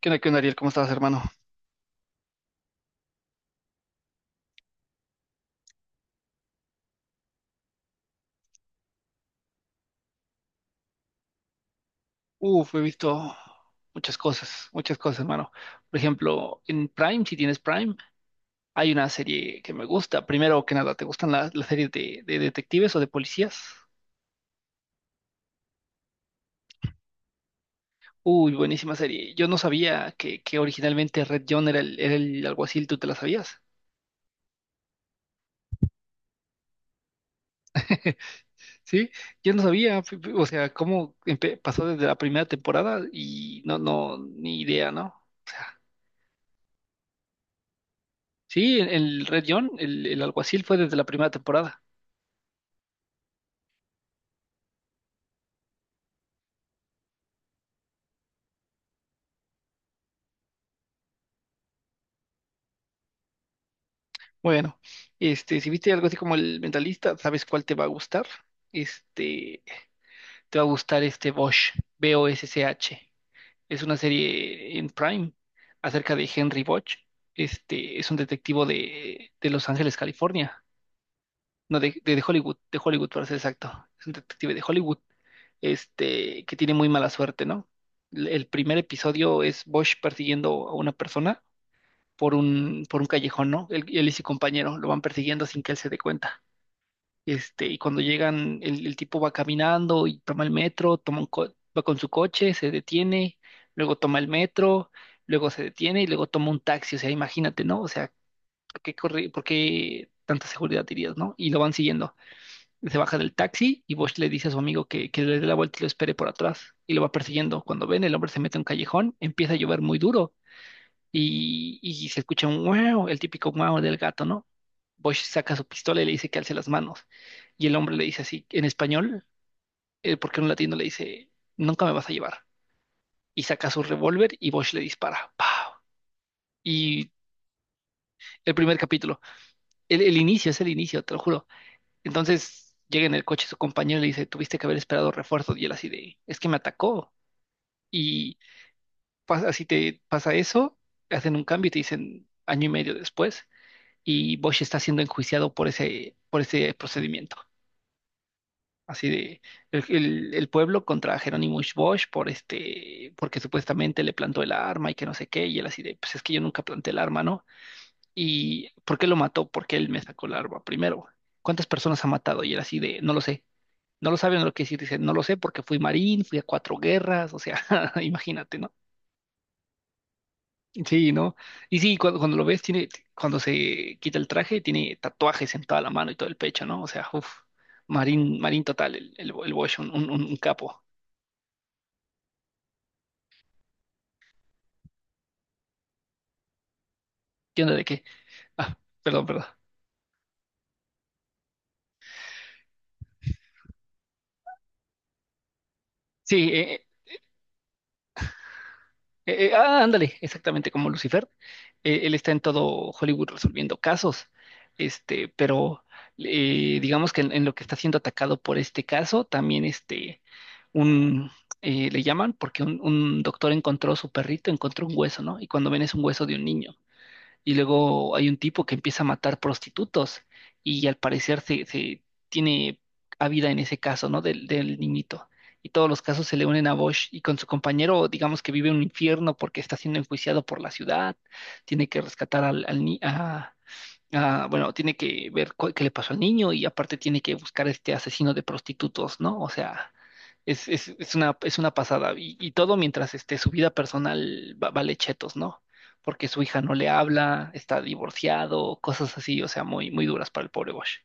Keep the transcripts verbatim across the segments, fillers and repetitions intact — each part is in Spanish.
¿Qué onda, qué onda, Ariel? ¿Cómo estás, hermano? Uf, he visto muchas cosas, muchas cosas, hermano. Por ejemplo, en Prime, si tienes Prime, hay una serie que me gusta. Primero que nada, ¿te gustan las, las series de, de detectives o de policías? Uy, buenísima serie. Yo no sabía que, que originalmente Red John era el, era el alguacil, ¿tú te la sabías? Sí, yo no sabía, f- f- o sea, cómo empe- pasó desde la primera temporada y no, no, ni idea, ¿no? O sea, sí, el, el Red John, el, el alguacil fue desde la primera temporada. Bueno, este, si viste algo así como el mentalista, ¿sabes cuál te va a gustar? Este, te va a gustar este Bosch, B O S C H. Es una serie en Prime acerca de Henry Bosch. Este, es un detectivo de, de Los Ángeles, California. No, de, de, de Hollywood, de Hollywood para ser exacto. Es un detective de Hollywood, este, que tiene muy mala suerte, ¿no? El el primer episodio es Bosch persiguiendo a una persona por un, por un callejón, ¿no? Él, él y su compañero lo van persiguiendo sin que él se dé cuenta. Este, y cuando llegan, el, el tipo va caminando y toma el metro, toma un co- va con su coche, se detiene, luego toma el metro, luego se detiene y luego toma un taxi. O sea, imagínate, ¿no? O sea, ¿por qué corre, por qué tanta seguridad dirías, ¿no? Y lo van siguiendo. Se baja del taxi y Bosch le dice a su amigo que, que le dé la vuelta y lo espere por atrás. Y lo va persiguiendo. Cuando ven, el hombre se mete a un callejón, empieza a llover muy duro y, y se escucha un wow, el típico wow del gato, ¿no? Bosch saca su pistola y le dice que alce las manos. Y el hombre le dice así, en español, eh, porque un latino le dice, nunca me vas a llevar. Y saca su revólver y Bosch le dispara. ¡Pau! Y el primer capítulo, el, el inicio, es el inicio, te lo juro. Entonces llega en el coche su compañero y le dice, tuviste que haber esperado refuerzos. Y él así de, es que me atacó. Y pasa, así te pasa eso, hacen un cambio y te dicen año y medio después. Y Bosch está siendo enjuiciado por ese, por ese procedimiento. Así de el, el- el pueblo contra Jerónimo Bosch por este, porque supuestamente le plantó el arma y que no sé qué, y él así de, pues es que yo nunca planté el arma, ¿no? ¿Y por qué lo mató? Porque él me sacó el arma primero. ¿Cuántas personas ha matado? Y él así de, no lo sé. No lo sabe, no lo quiere decir, dice, no lo sé porque fui marín, fui a cuatro guerras, o sea, imagínate, ¿no? Sí, ¿no? Y sí, cuando, cuando lo ves, tiene, cuando se quita el traje, tiene tatuajes en toda la mano y todo el pecho, ¿no? O sea, uff, marín, marín total, el, el, el Bosch, un, un, un capo. ¿Qué onda de qué? Ah, perdón, perdón. Sí, eh, Eh, eh, ah, ándale, exactamente como Lucifer. Eh, él está en todo Hollywood resolviendo casos. Este, pero eh, digamos que en, en lo que está siendo atacado por este caso, también este, un, eh, le llaman porque un, un doctor encontró su perrito, encontró un hueso, ¿no? Y cuando ven es un hueso de un niño. Y luego hay un tipo que empieza a matar prostitutos y al parecer se, se tiene vida en ese caso, ¿no? Del, del niñito. Y todos los casos se le unen a Bosch y con su compañero, digamos que vive un infierno porque está siendo enjuiciado por la ciudad, tiene que rescatar al, al ni- a, ah, bueno, tiene que ver cu- qué le pasó al niño y aparte tiene que buscar a este asesino de prostitutos, ¿no? O sea, es, es, es una, es una pasada. Y, y todo mientras este, su vida personal va- vale chetos, ¿no? Porque su hija no le habla, está divorciado, cosas así, o sea, muy, muy duras para el pobre Bosch.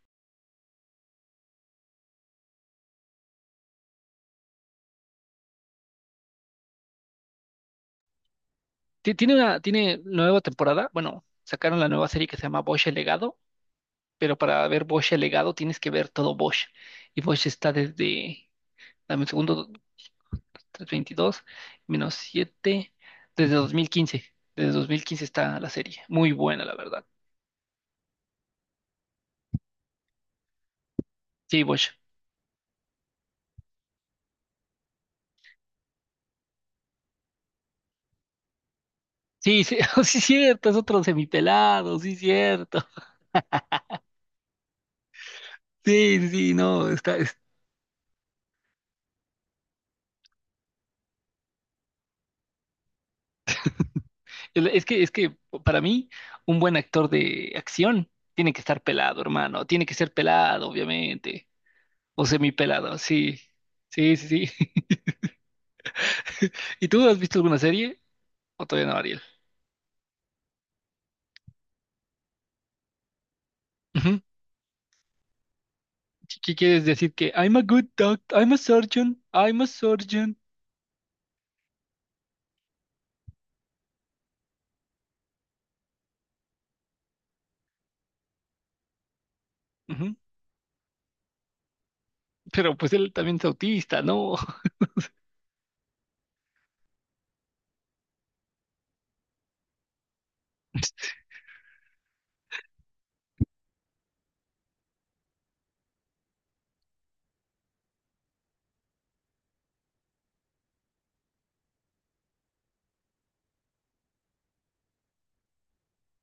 Ti- Tiene una, tiene nueva temporada, bueno, sacaron la nueva serie que se llama Bosch el Legado, pero para ver Bosch el Legado tienes que ver todo Bosch. Y Bosch está desde, dame un segundo, trescientos veintidós menos siete desde dos mil quince. Desde dos mil quince está la serie. Muy buena, la verdad. Sí, Bosch. Sí, sí, sí, cierto, es otro semipelado, sí, cierto. Sí, sí, sí, no, está, es, es que, es que para mí, un buen actor de acción tiene que estar pelado, hermano, tiene que ser pelado, obviamente, o semipelado, sí, sí, sí, sí. ¿Y tú has visto alguna serie? ¿O todavía no, Ariel? Ujú. ¿Qué quieres decir? Que I'm a good doctor, I'm a surgeon, I'm a surgeon. Ujú. Pero pues él también es autista, ¿no?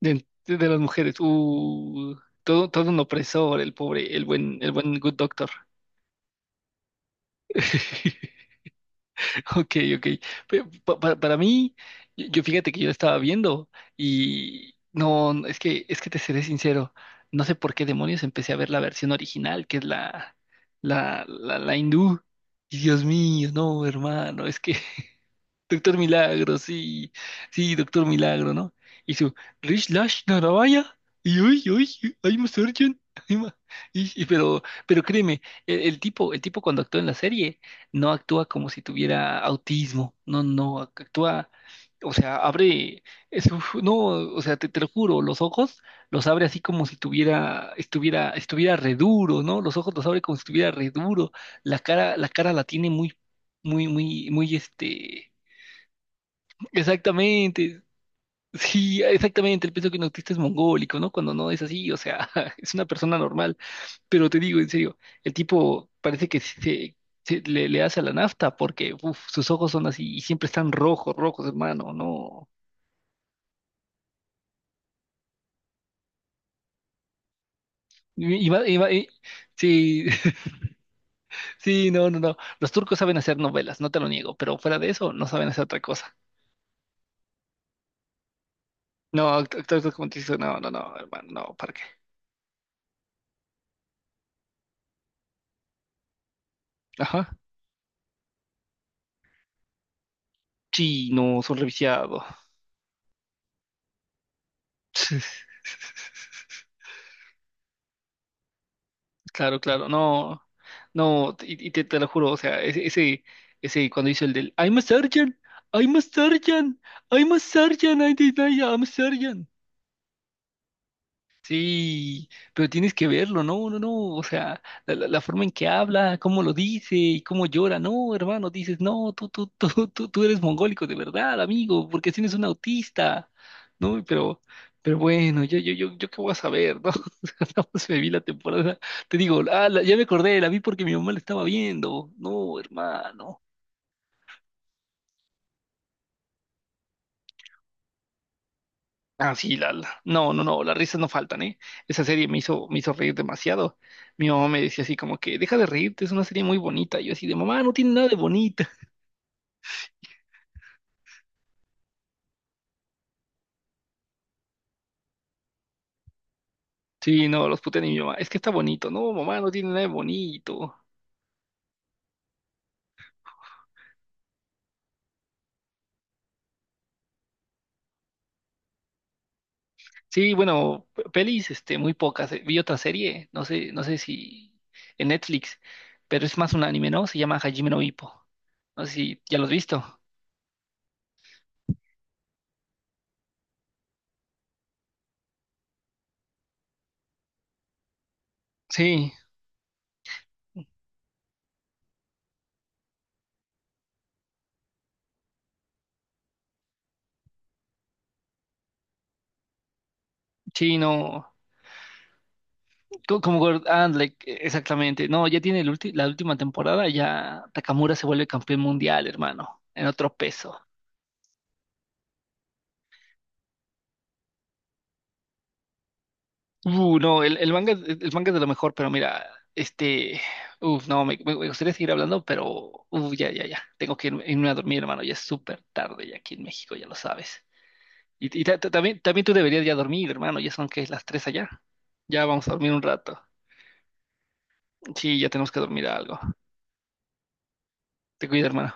De, de las mujeres. Uh, todo, todo un opresor, el pobre, el buen, el buen good doctor. Ok, ok. Pe- pa- pa- para mí, yo yo fíjate que yo la estaba viendo y no, no, es que, es que te seré sincero, no sé por qué demonios empecé a ver la versión original, que es la, la, la, la hindú. Y Dios mío, no, hermano, es que Doctor Milagro, sí, sí, Doctor Milagro, ¿no? Y su Rich Lash Naravaya, y uy, uy, I'm a surgeon, I'm a-". Y, y pero, pero créeme, el, el tipo, el tipo cuando actúa en la serie, no actúa como si tuviera autismo, no, no, actúa, o sea, abre, es- uf, no, o sea, te, te lo juro, los ojos los abre así como si tuviera, estuviera, estuviera re duro, ¿no? Los ojos los abre como si estuviera re duro, la cara, la cara la tiene muy, muy, muy, muy, este. Exactamente. Sí, exactamente. El peso que un autista es mongólico, ¿no? Cuando no es así, o sea, es una persona normal. Pero te digo, en serio, el tipo parece que se, se- le, le hace a la nafta porque uf, sus ojos son así y siempre están rojos, rojos, hermano, no. Y y va- y va- y- sí, sí, no, no, no. Los turcos saben hacer novelas, no te lo niego, pero fuera de eso, no saben hacer otra cosa. No, act- actores como te no, no, no, hermano, no, ¿para qué? Ajá. Sí, no, son reviciados. Claro, claro, no, no, y, y te, te lo juro, o sea, ese, ese, ese cuando hizo el del I'm a surgeon, I'm a surgeon, I'm a surgeon, I did, I am a surgeon. Sí, pero tienes que verlo, no, no, no, o sea, la, la- la forma en que habla, cómo lo dice y cómo llora, no, hermano, dices, no, tú, tú, tú, tú, tú eres mongólico de verdad, amigo, porque tienes un autista, ¿no? Pero, pero bueno, yo, yo, yo, yo qué voy a saber, ¿no? O sea, nada más me vi la temporada, te digo, ah, la- ya me acordé, la vi porque mi mamá la estaba viendo, no, hermano. Ah, sí, la, la- No, no, no, las risas no faltan, ¿eh? Esa serie me hizo, me hizo reír demasiado. Mi mamá me decía así como que, deja de reírte, es una serie muy bonita. Y yo así de, mamá, no tiene nada de bonita. Sí, no, los putean y mi mamá, es que está bonito. No, mamá, no tiene nada de bonito. Sí, bueno, pe- pelis, este, muy pocas. eh, Vi otra serie, no sé, no sé si en Netflix, pero es más un anime, ¿no? Se llama Hajime no Ippo. No sé si ya lo has visto. Sí, sí, no. Co- Como Gord- ándale, exactamente. No, ya tiene el ulti- la última temporada, ya Takamura se vuelve campeón mundial, hermano, en otro peso. Uh, no, el, el manga, el manga es de lo mejor, pero mira, este, uf, no, me, me- me gustaría seguir hablando, pero, uf, ya, ya, ya, tengo que irme, irme a dormir, hermano, ya es súper tarde ya aquí en México, ya lo sabes. Y, y ta- ta- también, también tú deberías ya dormir, hermano, ya son que las tres allá. Ya vamos a dormir un rato. Sí, ya tenemos que dormir algo. Te cuida, hermano.